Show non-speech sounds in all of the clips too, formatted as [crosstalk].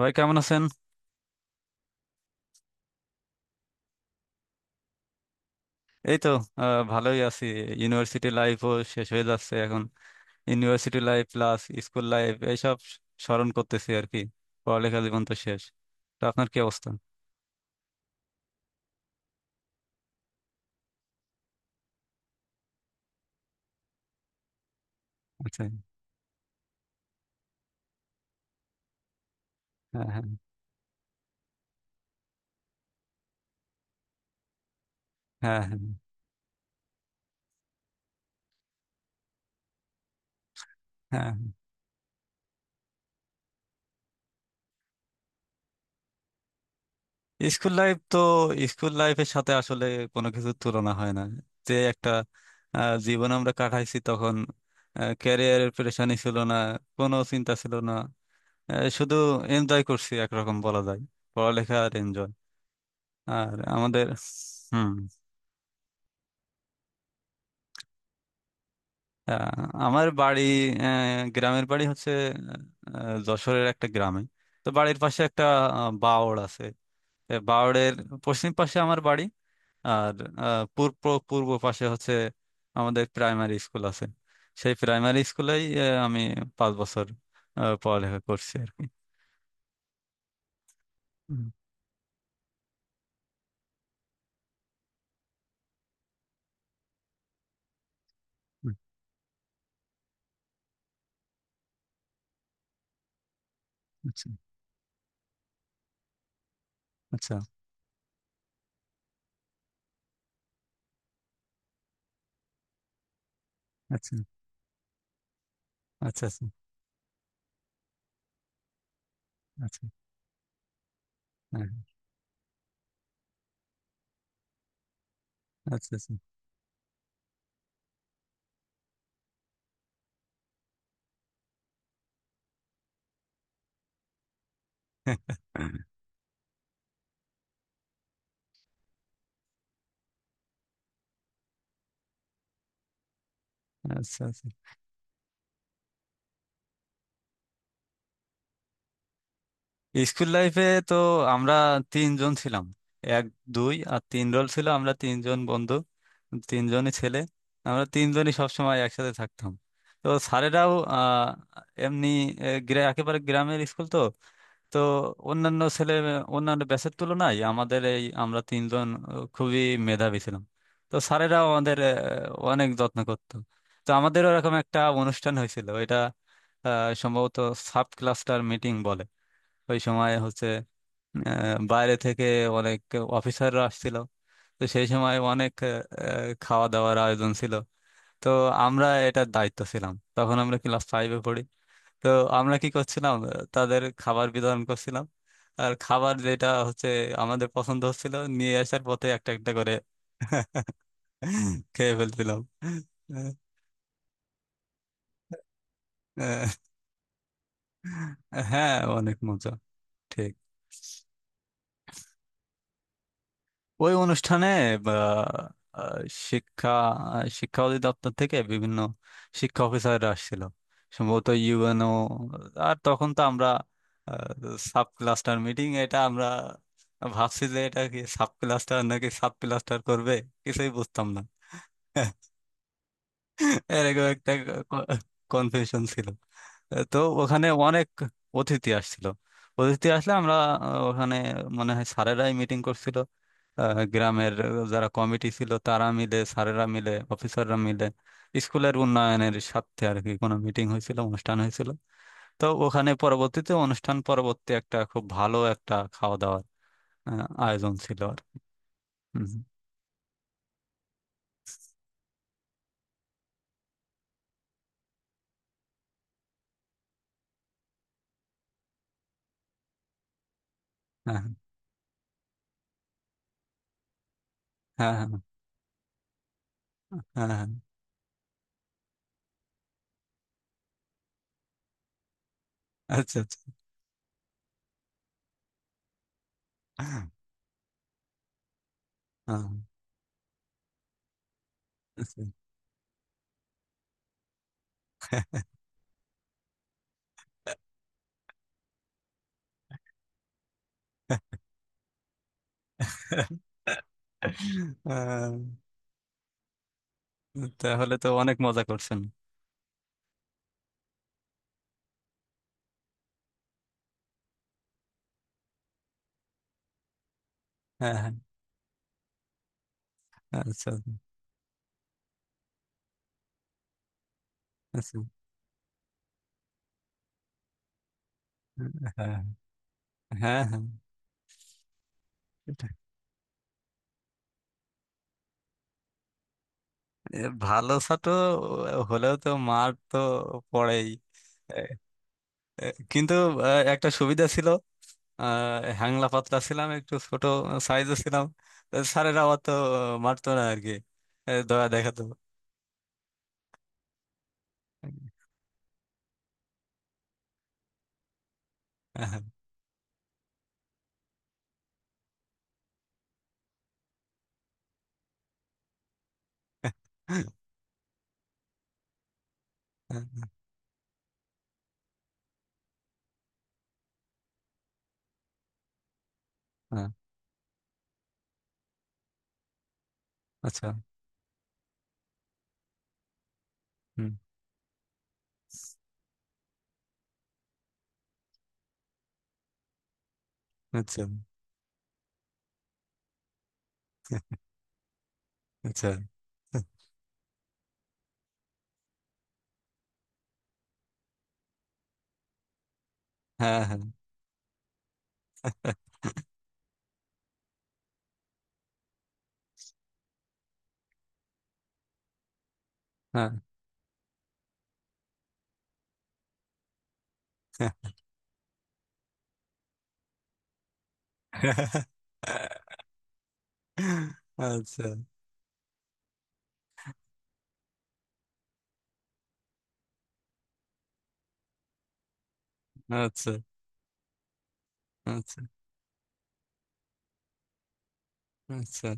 ভাই, কেমন আছেন? এই তো, ভালোই আছি। ইউনিভার্সিটি লাইফও শেষ হয়ে যাচ্ছে এখন। University life plus school life এইসব স্মরণ করতেছি আর কি। পড়ালেখা জীবন তো শেষ। তো আপনার কি অবস্থা? আচ্ছা। হ্যাঁ, হ্যাঁ। হ্যাঁ, হ্যাঁ। হ্যাঁ। স্কুল লাইফ তো, স্কুল লাইফের সাথে আসলে কোনো কিছুর তুলনা হয় না। যে একটা জীবন আমরা কাটাইছি তখন। ক্যারিয়ারের প্রেশানি ছিল না, কোনো চিন্তা ছিল না। শুধু এনজয় করছি একরকম বলা যায়। পড়ালেখা আর এনজয়। আর আমাদের। হুম। আমার বাড়ি, গ্রামের বাড়ি হচ্ছে যশোরের একটা গ্রামে। তো বাড়ির পাশে একটা বাওড় আছে। এ বাওড়ের পশ্চিম পাশে আমার বাড়ি। আর পূর্ব পূর্ব পাশে হচ্ছে আমাদের প্রাইমারি স্কুল আছে। সেই প্রাইমারি স্কুলেই আমি 5 বছর পড়ালেখা করছি আর কি। হুম। হুম। আচ্ছা, আচ্ছা। আচ্ছা, আচ্ছা। আচ্ছা, আচ্ছা। হ্যাঁ। আচ্ছা, আচ্ছা। [laughs] আচ্ছা, আচ্ছা। স্কুল লাইফে তো আমরা তিনজন ছিলাম। এক, দুই আর তিন রোল ছিল। আমরা তিনজন বন্ধু, তিনজনই ছেলে। আমরা তিনজনই সবসময় একসাথে থাকতাম। তো স্যারেরাও এমনি, একেবারে গ্রামের স্কুল তো। তো অন্যান্য ছেলে অন্যান্য ব্যাচের তুলনায় আমাদের এই আমরা তিনজন খুবই মেধাবী ছিলাম। তো স্যারেরাও আমাদের অনেক যত্ন করতো। তো আমাদের ওরকম একটা অনুষ্ঠান হয়েছিল। এটা সম্ভবত সাব ক্লাস্টার মিটিং বলে। ওই সময় হচ্ছে বাইরে থেকে অনেক অফিসাররা আসছিল। তো সেই সময় অনেক খাওয়া দাওয়ার আয়োজন ছিল। তো আমরা এটার দায়িত্ব ছিলাম, তখন আমরা ক্লাস ফাইভে পড়ি। তো আমরা কি করছিলাম, তাদের খাবার বিতরণ করছিলাম। আর খাবার যেটা হচ্ছে আমাদের পছন্দ হচ্ছিল, নিয়ে আসার পথে একটা একটা করে [laughs] খেয়ে ফেলছিলাম। আহ, আহ, হ্যাঁ, অনেক মজা। ঠিক। ওই অনুষ্ঠানে আহ, আহ, শিক্ষা শিক্ষা অধিদপ্তর থেকে বিভিন্ন শিক্ষা অফিসাররা আসছিল। সম্ভবত ইউএনও। আর তখন তো আমরা সাব ক্লাস্টার মিটিং, এটা আমরা ভাবছি যে এটা কি সাব ক্লাস্টার নাকি সাব ক্লাস্টার করবে, কিছুই বুঝতাম না। এরকম একটা কনফিউশন ছিল। তো ওখানে অনেক অতিথি আসছিল। অতিথি আসলে আমরা ওখানে মনে হয় স্যারেরাই মিটিং করছিল। গ্রামের যারা কমিটি ছিল, তারা মিলে, স্যারেরা মিলে, অফিসাররা মিলে স্কুলের উন্নয়নের স্বার্থে আর কি কোনো মিটিং হয়েছিল, অনুষ্ঠান হয়েছিল। তো ওখানে পরবর্তীতে, অনুষ্ঠান পরবর্তী একটা খুব ভালো একটা খাওয়া দাওয়ার আয়োজন ছিল আর। হুম। হ্যাঁ, হ্যাঁ। হ্যাঁ, হ্যাঁ। হ্যাঁ, আচ্ছা, আচ্ছা। হ্যাঁ, হ্যাঁ। আচ্ছা। আহ, তাহলে তো অনেক মজা করছেন। হ্যাঁ, হ্যাঁ। আচ্ছা, আচ্ছা। হ্যাঁ, হ্যাঁ, হ্যাঁ। সেটাই। এ, ভালো ছাত্র হলেও তো মার তো পড়েই। এ, এ, কিন্তু একটা সুবিধা ছিল। আহ, হ্যাংলা পাতলা ছিলাম, একটু ছোট সাইজে ছিলাম। তো স্যারেরা অত মারতো না আর কি, দয়া দেখাতো। হ্যাঁ, হ্যাঁ। হ্যাঁ, হ্যাঁ। আচ্ছা। হুম। আচ্ছা, আচ্ছা। হ্যাঁ, হ্যাঁ, হ্যাঁ। [laughs] আচ্ছা, আচ্ছা। আচ্ছা, আচ্ছা।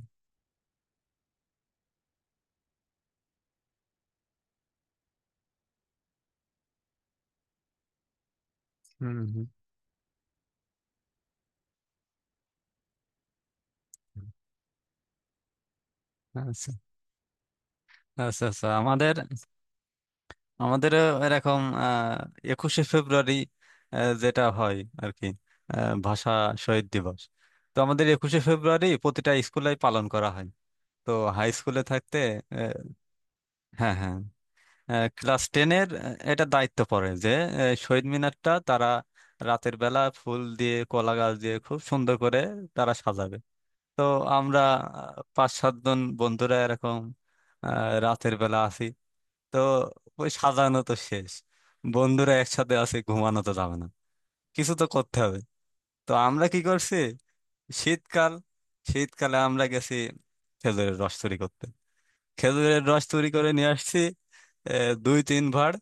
হুম, হুম। আচ্ছা, আচ্ছা। আচ্ছা। আমাদের আমাদের এরকম 21শে ফেব্রুয়ারি যেটা হয় আর কি, ভাষা শহীদ দিবস। তো আমাদের 21শে ফেব্রুয়ারি প্রতিটা স্কুলে পালন করা হয়। তো হাই স্কুলে থাকতে আহ, হ্যাঁ, হ্যাঁ, ক্লাস টেনের এটা দায়িত্ব পড়ে যে শহীদ মিনারটা তারা রাতের বেলা ফুল দিয়ে কলা গাছ দিয়ে খুব সুন্দর করে তারা সাজাবে। তো আমরা পাঁচ সাতজন বন্ধুরা এরকম আহ, রাতের বেলা আসি। তো ওই সাজানো তো শেষ, বন্ধুরা একসাথে আছে, ঘুমানো তো যাবে না, কিছু তো করতে হবে। তো আমরা কি করছি, শীতকাল শীতকালে আমরা গেছি খেজুরের রস চুরি করতে। খেজুরের রস চুরি করে নিয়ে আসছি দুই তিন ভাঁড়।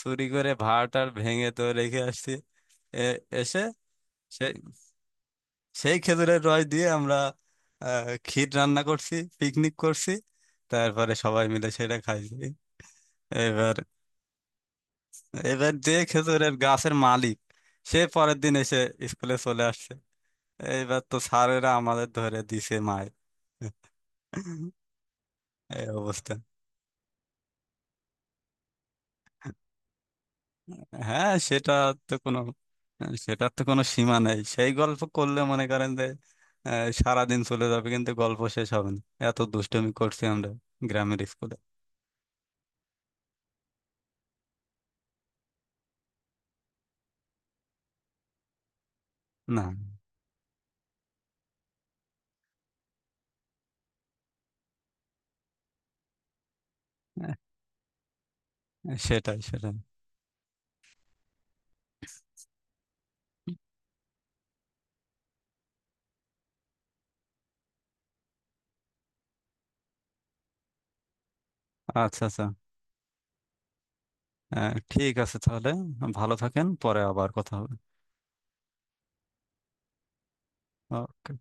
চুরি করে ভাঁড় টাড় ভেঙে তো রেখে আসছি। এসে সেই খেজুরের রস দিয়ে আমরা ক্ষীর রান্না করছি, পিকনিক করছি। তারপরে সবাই মিলে সেটা খাইছি। এবার এবার যে খেজুরের গাছের মালিক, সে পরের দিন এসে স্কুলে চলে আসছে। এইবার তো স্যারেরা আমাদের ধরে দিছে মায়ের। এই অবস্থা। হ্যাঁ, সেটা। তো কোনো সেটার তো কোনো সীমা নেই, সেই গল্প করলে মনে করেন যে আহ, সারাদিন চলে যাবে কিন্তু গল্প শেষ হবে না। এত দুষ্টুমি করছি আমরা গ্রামের স্কুলে। না। সেটাই, সেটাই। আচ্ছা, আচ্ছা। ঠিক আছে তাহলে, ভালো থাকেন, পরে আবার কথা হবে। ওকে।